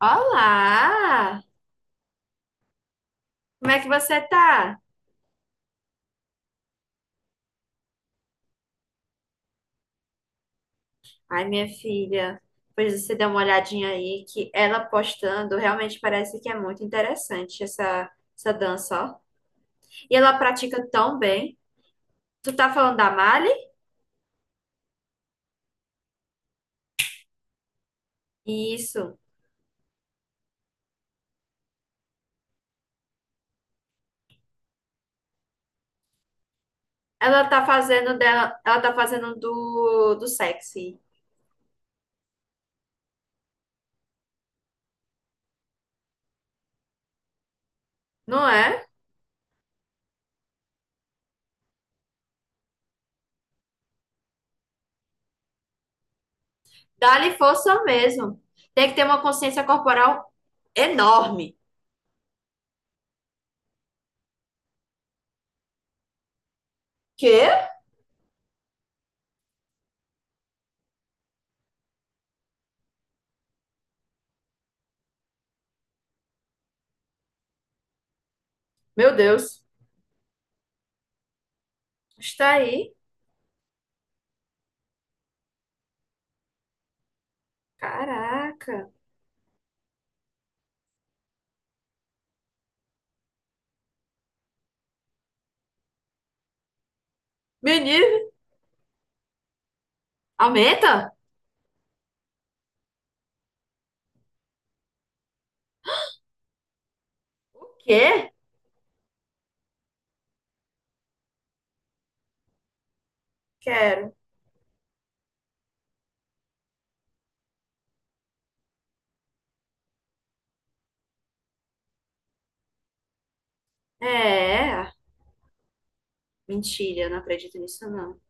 Olá! Como é que você tá? Ai, minha filha, pois você dá uma olhadinha aí que ela postando realmente parece que é muito interessante essa dança, ó. E ela pratica tão bem. Tu tá falando da Mali? Isso. Ela tá fazendo do sexy, não é? Dá-lhe força mesmo. Tem que ter uma consciência corporal enorme. Quê? Meu Deus. Está aí. Caraca. Menino. Aumenta? O quê? Quero. É. Mentira, não acredito nisso, não.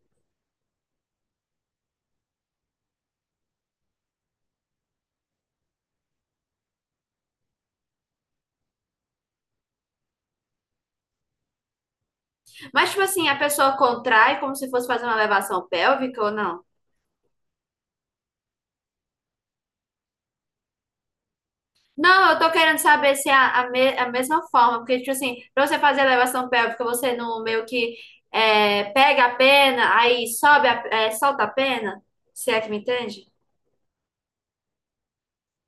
Mas, tipo assim, a pessoa contrai como se fosse fazer uma elevação pélvica ou não? Não, eu tô querendo saber se é a mesma forma, porque, tipo assim, pra você fazer elevação pélvica, você não meio que é, pega a pena, aí sobe, a, é, solta a pena, se é que me entende?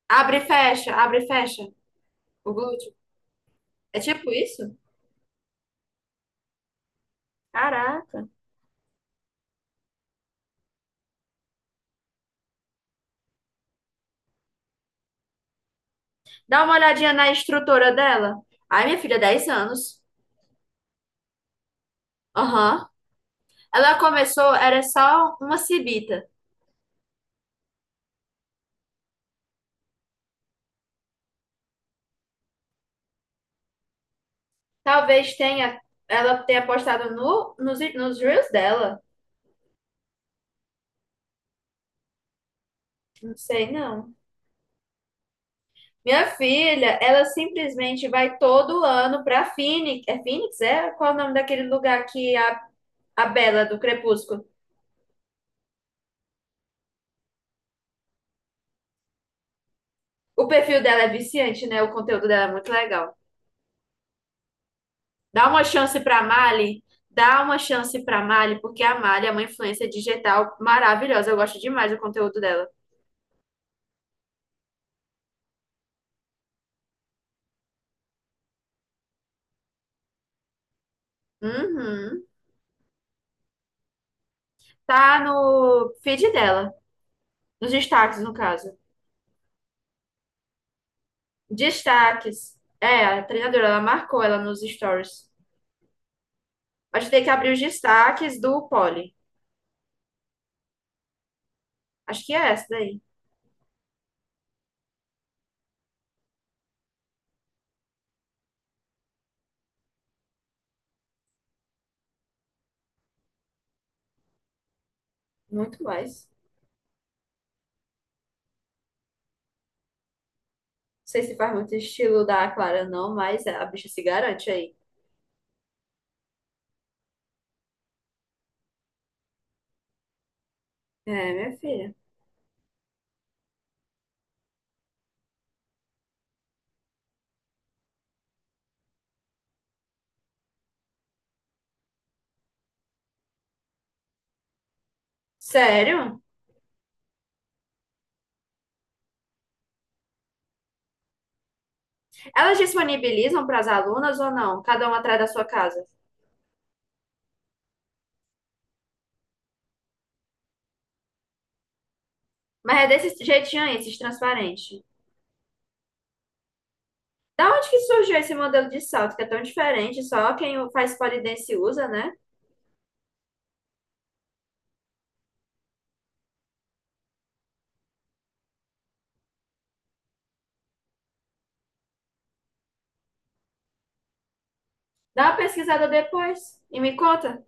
Abre e fecha o glúteo. É tipo isso? Caraca. Dá uma olhadinha na estrutura dela. Ai, minha filha, 10 anos. Aham. Ela começou, era só uma cibita. Talvez tenha, ela tenha postado no, nos, nos reels dela. Não sei, não. Minha filha, ela simplesmente vai todo ano pra Phoenix. É Phoenix, é? Qual é o nome daquele lugar que a Bela do Crepúsculo? O perfil dela é viciante, né? O conteúdo dela é muito legal. Dá uma chance pra Mali. Dá uma chance pra Mali, porque a Mali é uma influência digital maravilhosa. Eu gosto demais do conteúdo dela. Uhum. Tá no feed dela, nos destaques, no caso. Destaques. É, a treinadora, ela marcou ela nos stories. Acho que tem que abrir os destaques do Poli. Acho que é essa daí. Muito mais. Não sei se faz muito estilo da Clara, não, mas a bicha se garante aí. É, minha filha. Sério? Elas disponibilizam para as alunas ou não? Cada uma atrás da sua casa. Mas é desse jeitinho aí, esses transparentes. Da onde que surgiu esse modelo de salto que é tão diferente? Só quem faz pole dance usa, né? Dá uma pesquisada depois e me conta.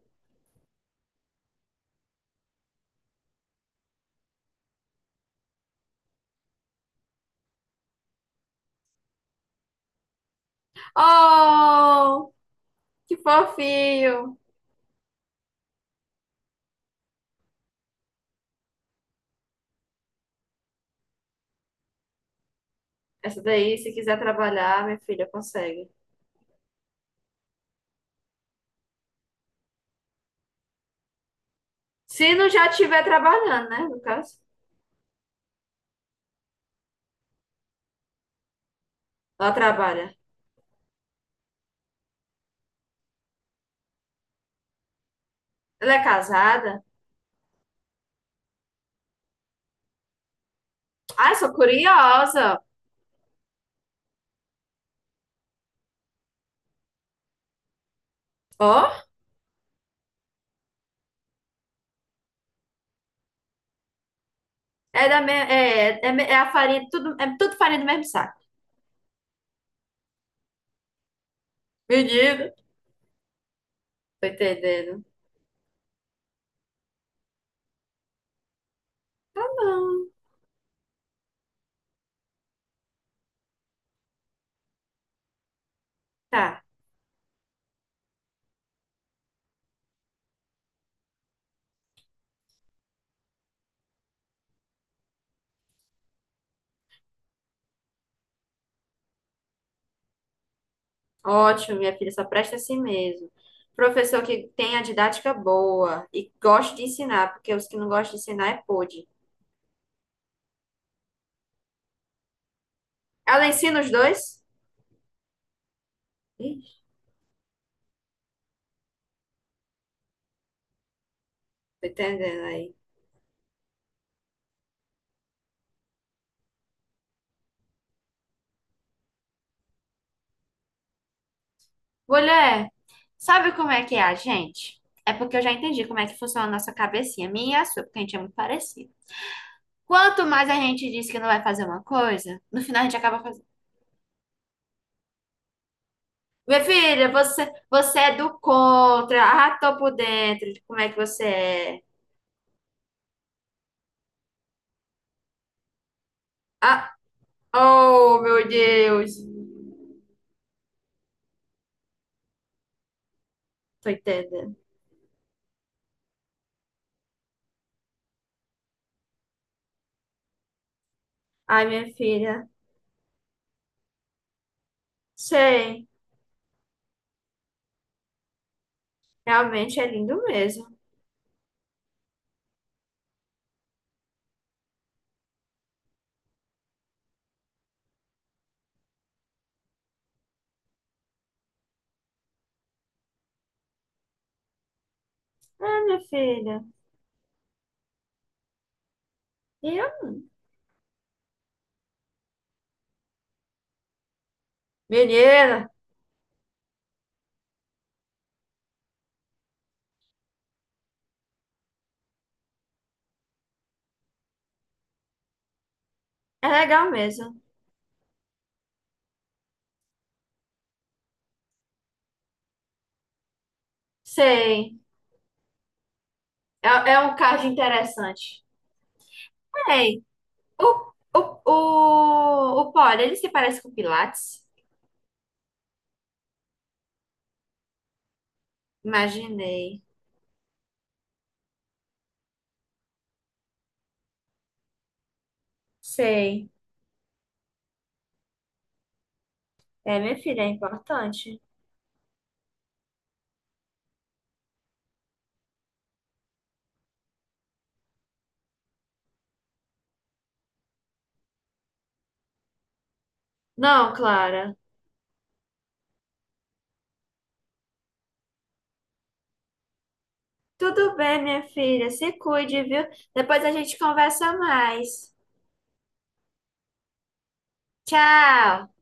Oh, que fofinho! Essa daí, se quiser trabalhar, minha filha consegue. Se não já estiver trabalhando, né? No caso. Ela trabalha. Ela é casada? Ai, sou curiosa. Ó, é da me... é, é, é a farinha, tudo, é tudo farinha do mesmo saco. Menino, tô entendendo. Tá bom. Tá. Ótimo, minha filha, só presta assim mesmo. Professor que tem a didática boa e gosta de ensinar, porque os que não gostam de ensinar é pôde. Ela ensina os dois? Ih, tô entendendo aí. Mulher, sabe como é que é a gente? É porque eu já entendi como é que funciona a nossa cabecinha, minha e a sua, porque a gente é muito parecido. Quanto mais a gente diz que não vai fazer uma coisa, no final a gente acaba fazendo. Minha filha, você é do contra. Ah, tô por dentro de como é que você é. Ah, Oh, meu Deus. Tô entendendo. Ai, minha filha. Sei. Realmente é lindo mesmo. É, minha filha. E eu? Menina, é legal mesmo. Sei. É, é um caso interessante. Ei, o Poli, ele se parece com o Pilates? Imaginei. Sei. É, minha filha, é importante. Não, Clara. Tudo bem, minha filha. Se cuide, viu? Depois a gente conversa mais. Tchau.